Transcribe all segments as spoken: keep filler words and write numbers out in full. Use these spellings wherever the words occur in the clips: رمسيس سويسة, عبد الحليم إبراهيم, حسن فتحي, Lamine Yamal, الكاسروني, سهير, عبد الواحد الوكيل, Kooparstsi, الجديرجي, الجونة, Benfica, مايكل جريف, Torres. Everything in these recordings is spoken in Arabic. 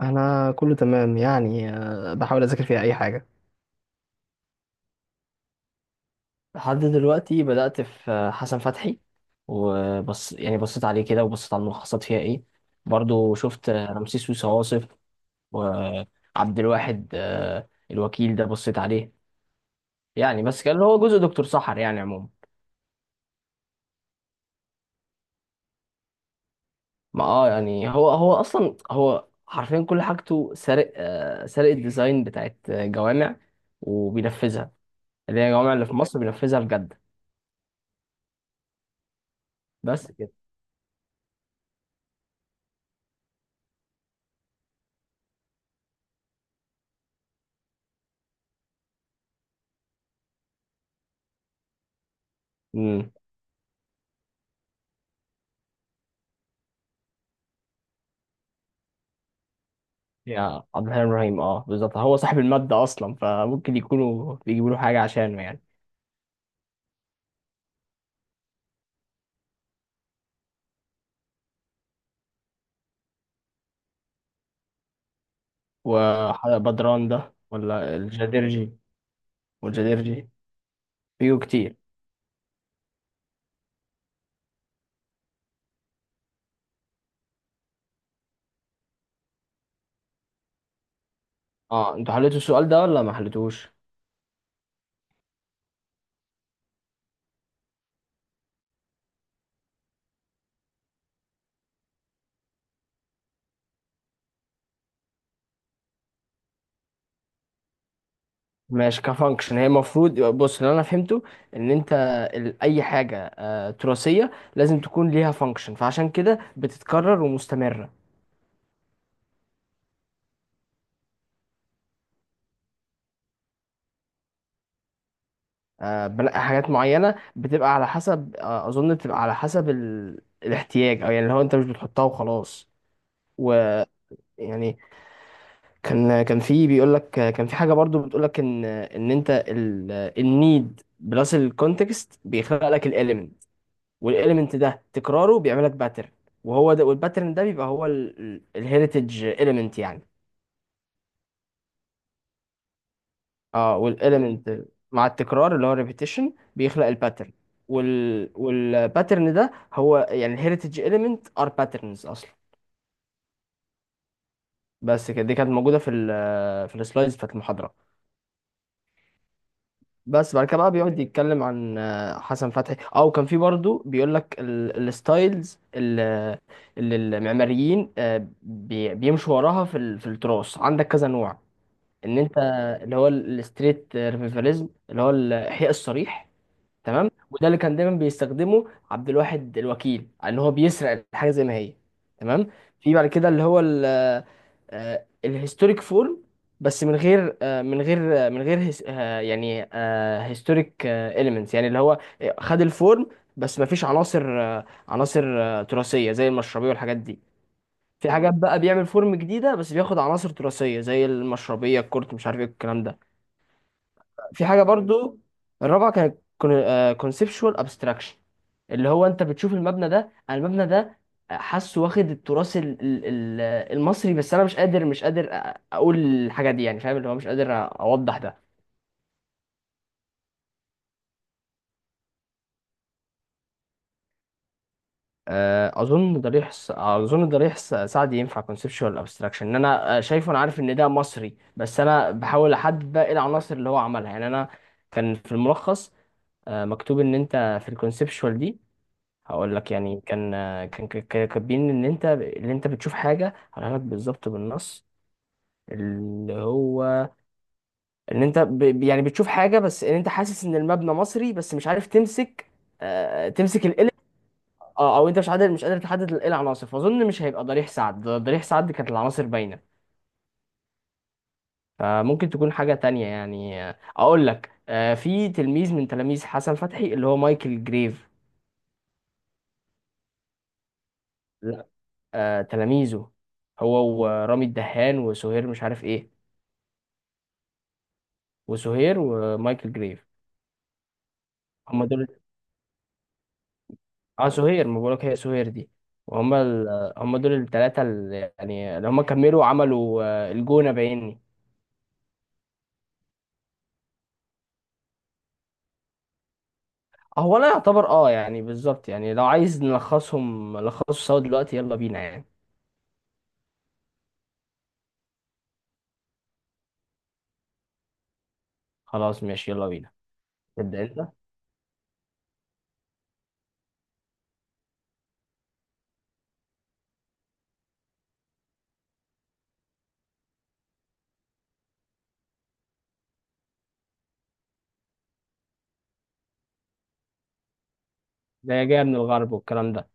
انا كله تمام يعني آه، بحاول اذاكر فيها اي حاجه. لحد دلوقتي بدأت في آه، حسن فتحي. وبص يعني بصيت عليه كده وبصيت على الملخصات فيها ايه. برضو شفت آه، رمسيس سويسة واصف، وعبد الواحد آه، الوكيل ده بصيت عليه. يعني بس كان هو جزء دكتور سحر يعني عموما. ما اه يعني هو هو اصلا، هو حرفيا كل حاجته سارق، آه، سارق الديزاين بتاعت آه، جوامع وبينفذها. اللي هي الجوامع اللي في مصر بينفذها بجد. بس كده. يا عبد الحليم ابراهيم، اه بالظبط، هو صاحب المادة اصلا، فممكن يكونوا بيجيبوا له حاجة عشانه يعني. وبدران ده ولا الجديرجي؟ والجديرجي فيه كتير. اه، انتوا حليتوا السؤال ده ولا ما حليتوش؟ ماشي، كفانكشن هي المفروض. بص، اللي انا فهمته ان انت ال- اي حاجة آه، تراثية لازم تكون ليها فانكشن، فعشان كده بتتكرر ومستمرة. آه، بنقي حاجات معينة، بتبقى على حسب، آه، اظن بتبقى على حسب ال... الاحتياج، او يعني اللي هو انت مش بتحطها وخلاص. يعني كان كان في بيقول لك، كان في حاجه برضو بتقول لك ان ان انت ال- النيد بلس الكونتكست بيخلق لك الاليمنت، والاليمنت ده تكراره بيعمل لك باترن، وهو ده والباترن ده بيبقى هو الهيريتج اليمنت يعني. اه، والاليمنت مع التكرار اللي هو ريبيتيشن بيخلق الباترن، وال والباترن ده هو يعني الهيريتج اليمنت ار باترنز اصلا. بس كده. دي كانت موجوده في ال في السلايدز بتاعت المحاضره. بس بعد كده بقى بيقعد يتكلم عن آه، حسن فتحي. او كان في برضه بيقول لك ال- الستايلز اللي اللي المعماريين آه، بي- بيمشوا وراها في ال- في التراث، عندك كذا نوع. ان انت اللي هو ال- الستريت آه، ريفيفاليزم، اللي هو الاحياء الصريح. تمام، وده اللي كان دايما بيستخدمه عبد الواحد الوكيل، ان هو بيسرق الحاجه زي ما هي. تمام. في بعد كده اللي هو ال- آه، الهيستوريك فورم، بس من غير آه، من غير آه، من غير هيس- آه، يعني هيستوريك اليمنتس. يعني اللي هو آه، خد الفورم بس ما فيش عناصر آه، عناصر آه، تراثيه زي المشربيه والحاجات دي. في حاجات بقى بيعمل فورم جديده بس بياخد عناصر تراثيه زي المشربيه، الكورت، مش عارف ايه الكلام ده. في حاجه برضو. الرابعه كانت كونسبشوال ابستراكشن. اللي هو انت بتشوف المبنى ده، انا المبنى ده حاسه، واخد التراث ال- ال- ال- المصري، بس انا مش قادر مش قادر أ- اقول الحاجه دي، يعني فاهم؟ اللي هو مش قادر أ- اوضح ده. آه، اظن ضريح س- اظن ضريح س- سعدي ينفع كونسبشوال ابستراكشن، ان انا آه، شايفه، انا عارف ان ده مصري، بس انا بحاول احدد بقى ايه العناصر اللي هو عملها. يعني انا كان في الملخص آه، مكتوب ان انت في الكونسبشوال دي، هقول لك يعني. كان كان كان- كانوا كاتبين ان انت اللي انت بتشوف حاجه، هقولها لك بالظبط بالنص، اللي هو ان انت ب... ب- يعني بتشوف حاجه، بس ان انت حاسس ان المبنى مصري بس مش عارف تمسك، آه... تمسك القلم. اه، او انت مش قادر مش قادر تحدد ال- ايه العناصر. فاظن مش هيبقى ضريح سعد، ض- ضريح سعد كانت العناصر باينه. فممكن تكون حاجه تانية. يعني آه، اقول لك، آه... في تلميذ من تلاميذ حسن فتحي اللي هو مايكل جريف. لا، آه... تلاميذه هو ورامي الدهان وسهير مش عارف ايه، وسهير ومايكل جريف، هم دول. اه سهير، ما بقولك هي سهير دي. وهم ال... هم دول الثلاثة اللي يعني اللي هم كملوا وعملوا آه، الجونة بعيني. آه، هو انا يعتبر اه يعني بالظبط. يعني لو عايز نلخصهم، نلخصه سوا دلوقتي، يلا بينا يعني. خلاص ماشي، يلا بينا. تبدأ انت. ده جاية من الغرب والكلام ده،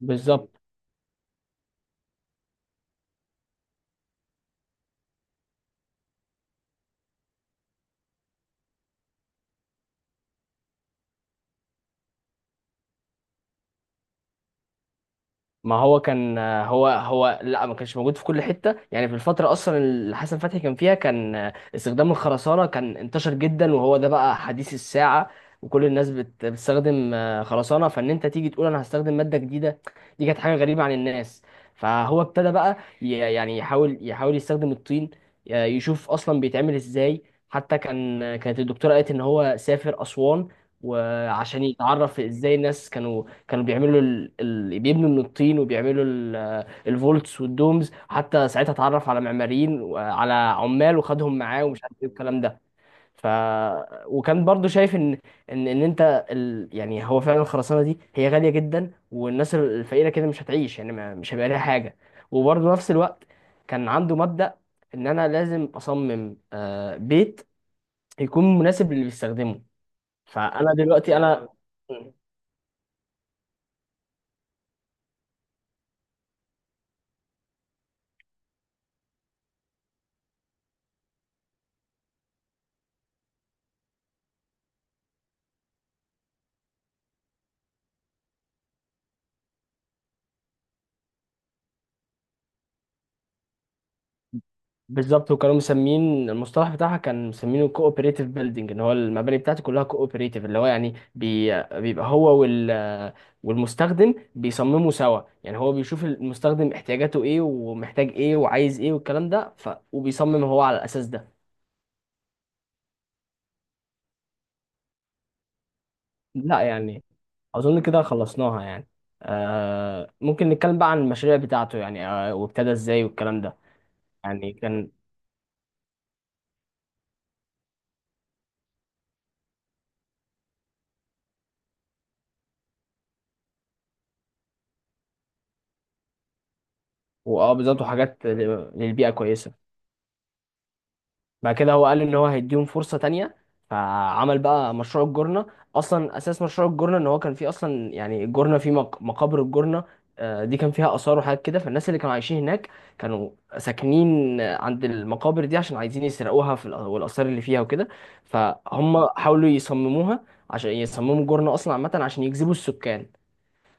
بالظبط. ما هو كان هو هو لا، ما كانش موجود في كل حته. يعني في الفتره اصلا اللي حسن فتحي كان فيها، كان استخدام الخرسانه كان انتشر جدا، وهو ده بقى حديث الساعه، وكل الناس بت- بتستخدم آه، خرسانه، فان انت تيجي تقول انا هستخدم ماده جديده، دي كانت حاجه غريبه عن الناس. فهو ابتدى بقى ي- يعني يحاول يحاول يستخدم الطين، آه، يشوف اصلا بيتعمل ازاي. حتى كان كانت الدكتوره قالت ان هو سافر اسوان، وعشان يتعرف ازاي الناس كانوا كانوا بيعملوا ال... ال... بيبنوا من الطين، وبيعملوا ال... الفولتس والدومز. حتى ساعتها اتعرف على معماريين وعلى عمال وخدهم معاه، ومش عارف ايه الكلام ده. ف وكان برضو شايف ان ان ان انت ال... يعني هو فعلا الخرسانه دي هي غاليه جدا، والناس الفقيره كده مش هتعيش. يعني ما... مش هيبقى ليها حاجه. وبرضو نفس الوقت كان عنده مبدأ، ان انا لازم اصمم آه، بيت يكون مناسب للي بيستخدمه. فانا دلوقتي انا آه، بالظبط. وكانوا مسمين المصطلح بتاعها، كان مسمينه كوبريتيف بيلدينج، ان هو المباني بتاعته كلها كوبريتيف، اللي هو يعني بي بيبقى هو وال والمستخدم بيصمموا سوا. يعني هو بيشوف المستخدم احتياجاته ايه ومحتاج ايه وعايز ايه والكلام ده، ف... وبيصمم هو على الاساس ده. لا يعني، اظن كده خلصناها يعني. آه ممكن نتكلم بقى عن المشاريع بتاعته، يعني آه، وابتدى ازاي والكلام ده. يعني كان. واه بالظبط، وحاجات للبيئة كويسة. بعد كده هو قال ان هو هيديهم فرصه تانية، فعمل بقى مشروع الجورنه. اصلا اساس مشروع الجورنه ان هو كان فيه اصلا، يعني الجورنه فيه مق- مقابر الجورنه آه، دي كان فيها اثار وحاجات كده. فالناس اللي كانوا عايشين هناك كانوا ساكنين آه، عند المقابر دي عشان عايزين يسرقوها في الأ- والاثار اللي فيها وكده. فهم حاولوا يصمموها، عشان يصمموا جورنه اصلا عامه عشان يجذبوا السكان.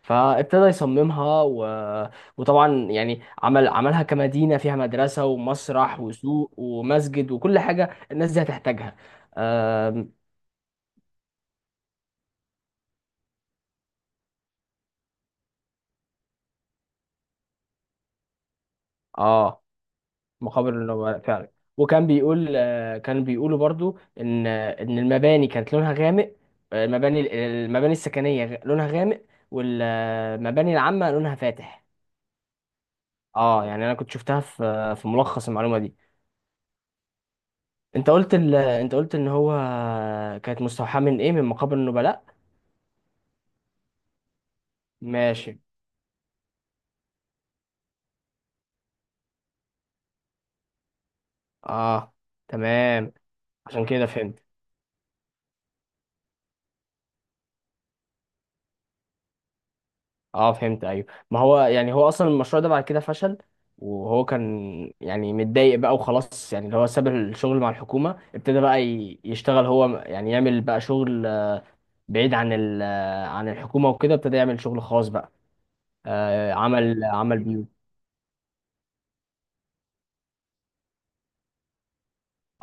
فابتدى يصممها و... وطبعا يعني عمل عملها كمدينة فيها مدرسة ومسرح وسوق ومسجد وكل حاجة الناس دي هتحتاجها. آم، اه، مقابر النبلاء فعلا. وكان بيقول، آه، كان بيقولوا برضو، ان ان المباني كانت لونها غامق. آه، المباني المباني السكنية غ- لونها غامق، والمباني العامة لونها فاتح. اه، يعني انا كنت شفتها في في ملخص المعلومة دي. انت قلت ال... انت قلت ان هو كانت مستوحاة من ايه، من مقابر النبلاء. ماشي، اه، تمام. عشان كده فهمت. اه فهمت، ايوه. ما هو يعني هو اصلا المشروع ده بعد كده فشل، وهو كان يعني متضايق بقى وخلاص. يعني اللي هو ساب الشغل مع الحكومة، ابتدى بقى ي- يشتغل هو، يعني يعمل بقى شغل آه، بعيد عن ال آه، عن الحكومة وكده. ابتدى يعمل شغل خاص بقى، آه عمل عمل بيوت.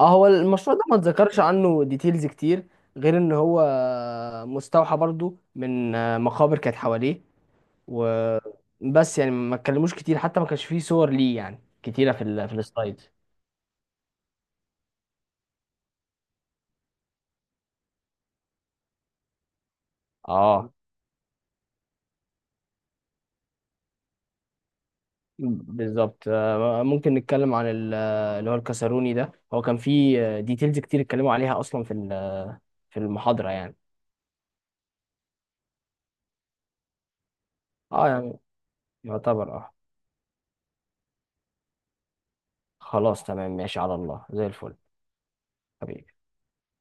اه، هو المشروع ده ما اتذكرش عنه ديتيلز كتير، غير ان هو مستوحى برضو من آه، مقابر كانت حواليه. وبس يعني ما اتكلموش كتير، حتى ما كانش فيه صور ليه يعني كتيرة في ال... في السلايد. اه بالظبط. آه، ممكن نتكلم عن ال- اللي هو الكاسروني ده، هو كان فيه ديتيلز كتير اتكلموا عليها اصلا في ال- في المحاضرة يعني. اه يعني يعتبر اه. خلاص تمام، ماشي على الله، زي الفل، حبيبي.